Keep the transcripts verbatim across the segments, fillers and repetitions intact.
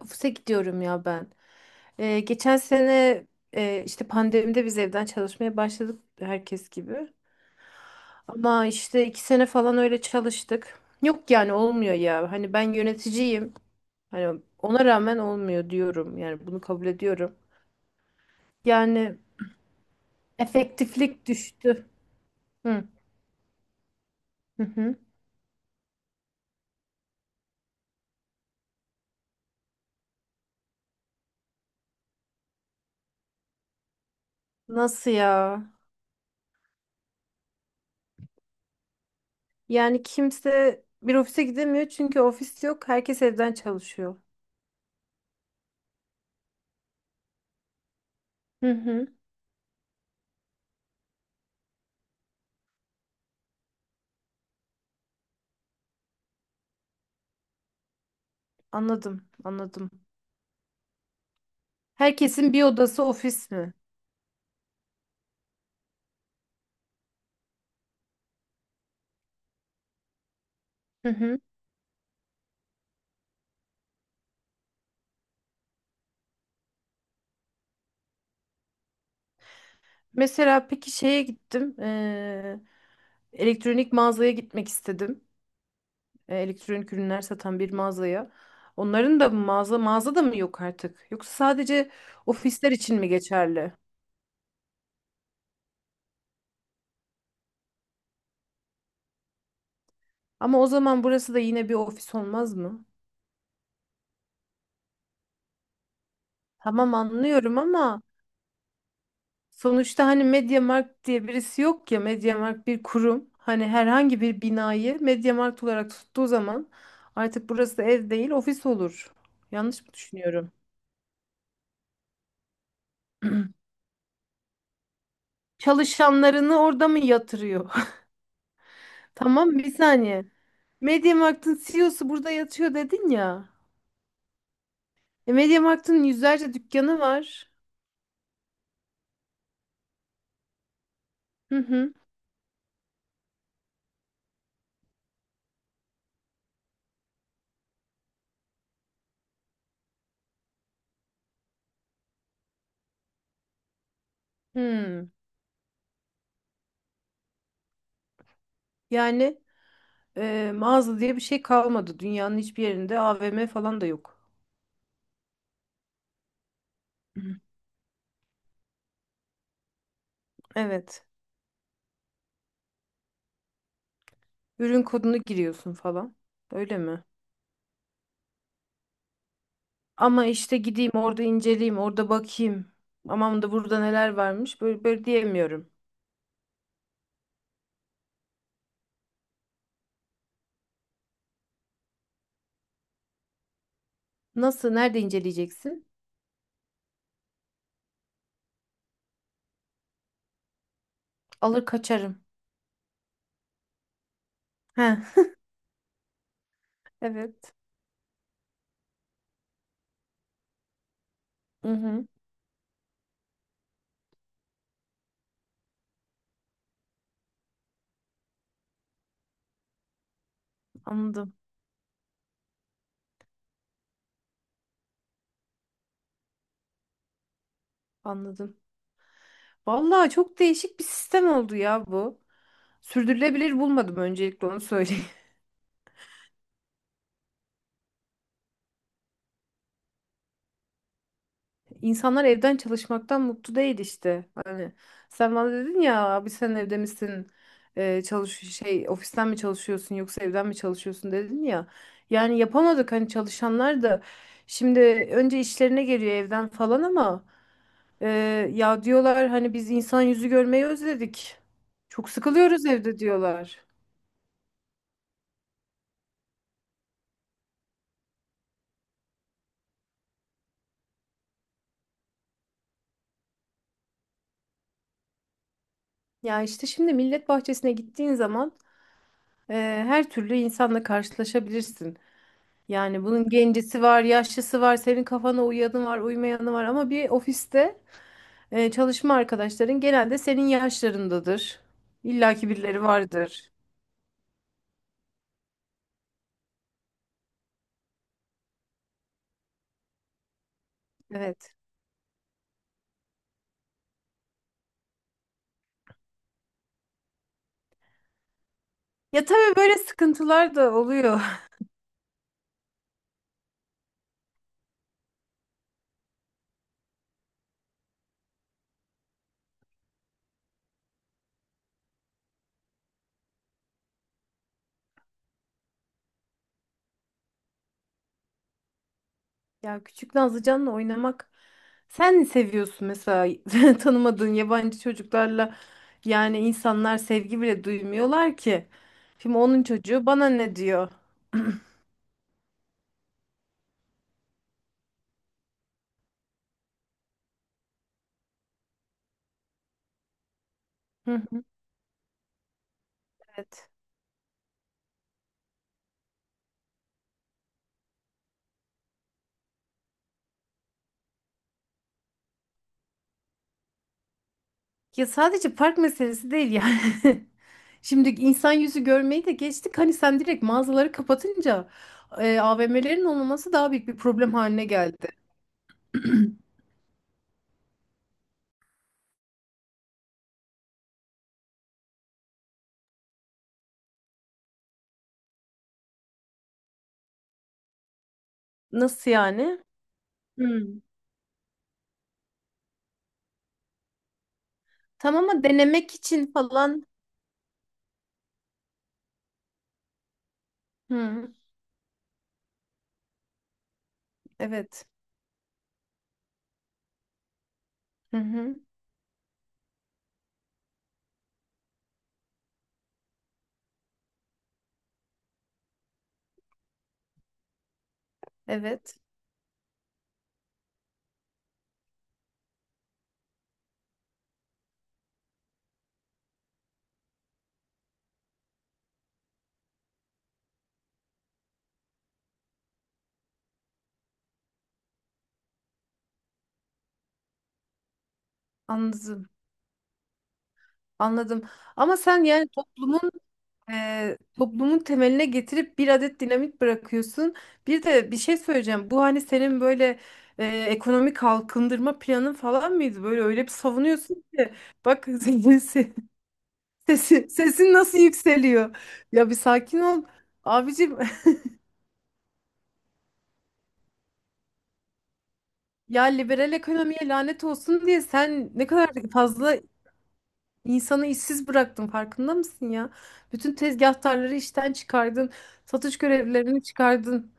Ofise gidiyorum ya ben. Ee, geçen sene e, işte pandemide biz evden çalışmaya başladık herkes gibi. Ama işte iki sene falan öyle çalıştık. Yok yani olmuyor ya. Hani ben yöneticiyim. Hani ona rağmen olmuyor diyorum. Yani bunu kabul ediyorum. Yani efektiflik düştü. Hı hı. hı. Nasıl ya? Yani kimse bir ofise gidemiyor çünkü ofis yok. Herkes evden çalışıyor. Hı hı. Anladım, anladım. Herkesin bir odası ofis mi? Hı hı. Mesela peki şeye gittim. Eee, elektronik mağazaya gitmek istedim. E, elektronik ürünler satan bir mağazaya. Onların da mı mağaza mağaza da mı yok artık? Yoksa sadece ofisler için mi geçerli? Ama o zaman burası da yine bir ofis olmaz mı? Tamam anlıyorum ama sonuçta hani MediaMarkt diye birisi yok ya. MediaMarkt bir kurum. Hani herhangi bir binayı MediaMarkt olarak tuttuğu zaman artık burası ev değil ofis olur. Yanlış mı düşünüyorum? Çalışanlarını orada mı yatırıyor? Tamam bir saniye. MediaMarkt'ın C E O'su burada yatıyor dedin ya. E, MediaMarkt'ın yüzlerce dükkanı var. Hı hı. Hı. Yani e, mağaza diye bir şey kalmadı. Dünyanın hiçbir yerinde A V M falan da yok. Evet. Ürün kodunu giriyorsun falan. Öyle mi? Ama işte gideyim orada inceleyeyim, orada bakayım. Aman da burada neler varmış. Böyle, böyle diyemiyorum. Nasıl? Nerede inceleyeceksin? Alır kaçarım. He, evet. Hı hı. Anladım, anladım. Vallahi çok değişik bir sistem oldu ya bu. Sürdürülebilir bulmadım öncelikle onu söyleyeyim. İnsanlar evden çalışmaktan mutlu değil işte. Hani sen bana dedin ya abi sen evde misin? Ee, çalış şey ofisten mi çalışıyorsun yoksa evden mi çalışıyorsun dedin ya. Yani yapamadık hani çalışanlar da şimdi önce işlerine geliyor evden falan ama e, ya diyorlar hani biz insan yüzü görmeyi özledik. Çok sıkılıyoruz evde diyorlar. Ya işte şimdi millet bahçesine gittiğin zaman e, her türlü insanla karşılaşabilirsin. Yani bunun gencisi var, yaşlısı var, senin kafana uyanı var, uymayanı var ama bir ofiste e, çalışma arkadaşların genelde senin yaşlarındadır. İlla ki birileri vardır. Evet. Ya tabii böyle sıkıntılar da oluyor. Ya küçük Nazlıcan'la oynamak sen ne seviyorsun mesela tanımadığın yabancı çocuklarla yani insanlar sevgi bile duymuyorlar ki. Şimdi onun çocuğu bana ne diyor? Hı hı. Evet. Ya sadece park meselesi değil yani. Şimdi insan yüzü görmeyi de geçtik. Hani sen direkt mağazaları kapatınca e, A V M'lerin olmaması daha büyük bir problem haline geldi. Nasıl yani? Hmm. Tamam ama denemek için falan. Hı, evet. Hı hı, evet. Anladım. Anladım. Ama sen yani toplumun e, toplumun temeline getirip bir adet dinamit bırakıyorsun. Bir de bir şey söyleyeceğim. Bu hani senin böyle e, ekonomik kalkındırma planın falan mıydı? Böyle öyle bir savunuyorsun ki. Bak senin se- sesi, sesin nasıl yükseliyor. Ya bir sakin ol. Abicim ya liberal ekonomiye lanet olsun diye sen ne kadar fazla insanı işsiz bıraktın farkında mısın ya? Bütün tezgahtarları işten çıkardın, satış görevlilerini çıkardın.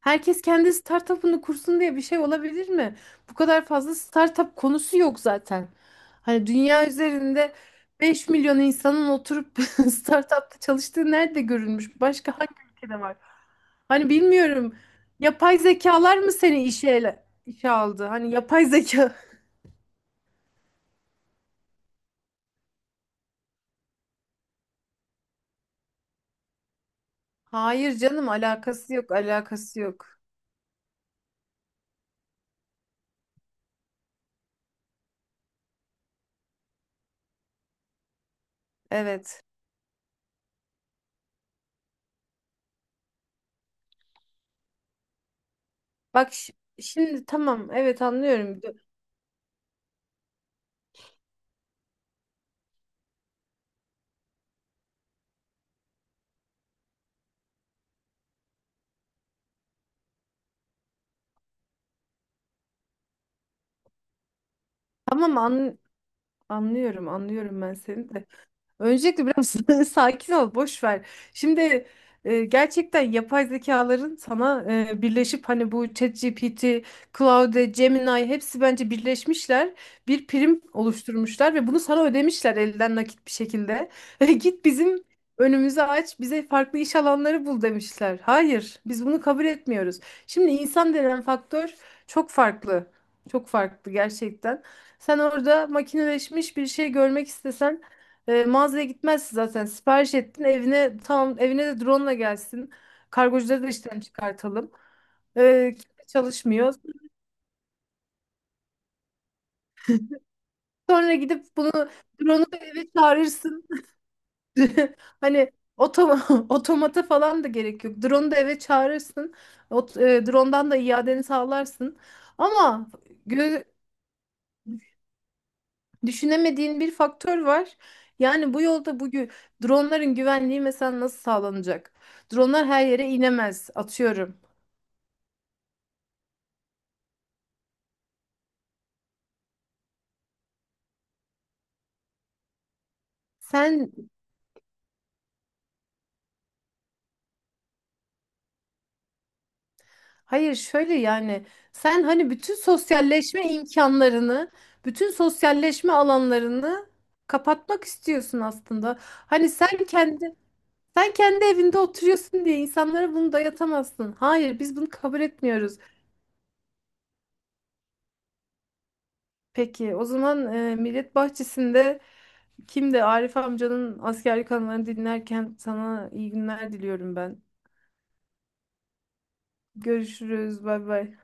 Herkes kendi startup'ını kursun diye bir şey olabilir mi? Bu kadar fazla startup konusu yok zaten. Hani dünya üzerinde beş milyon insanın oturup startup'ta çalıştığı nerede görülmüş? Başka hangi ülkede var? Hani bilmiyorum. Yapay zekalar mı seni işe ele- işe aldı? Hani yapay zeka. Hayır canım alakası yok, alakası yok. Evet. Bak ş- Şimdi tamam evet anlıyorum. Tamam an Anlıyorum, anlıyorum ben seni de. Öncelikle biraz sakin ol, boş ver. Şimdi e, gerçekten yapay zekaların sana e, birleşip hani bu ChatGPT, Claude, Gemini hepsi bence birleşmişler. Bir prim oluşturmuşlar ve bunu sana ödemişler elden nakit bir şekilde. Git bizim önümüzü aç, bize farklı iş alanları bul demişler. Hayır, biz bunu kabul etmiyoruz. Şimdi insan denen faktör çok farklı. Çok farklı gerçekten. Sen orada makineleşmiş bir şey görmek istesen e, mağazaya gitmezsin zaten. Sipariş ettin evine tamam evine de drone gelsin. Kargocuları da işten çıkartalım. E, kimse çalışmıyor. Sonra gidip bunu drone'u da eve çağırırsın. Hani otom otomata falan da gerek yok. Drone'u da eve çağırırsın. Ot e, drone'dan da iadeni sağlarsın. Ama gö- düşünemediğin bir faktör var. Yani bu yolda bugün dronların güvenliği mesela nasıl sağlanacak? Dronlar her yere inemez atıyorum. Sen hayır Şöyle yani sen hani bütün sosyalleşme imkanlarını, bütün sosyalleşme alanlarını kapatmak istiyorsun aslında. Hani sen kendi sen kendi evinde oturuyorsun diye insanlara bunu dayatamazsın. Hayır, biz bunu kabul etmiyoruz. Peki o zaman e, Millet Bahçesi'nde kimdi? Arif amcanın askerlik anılarını dinlerken sana iyi günler diliyorum ben. Görüşürüz. Bay bay.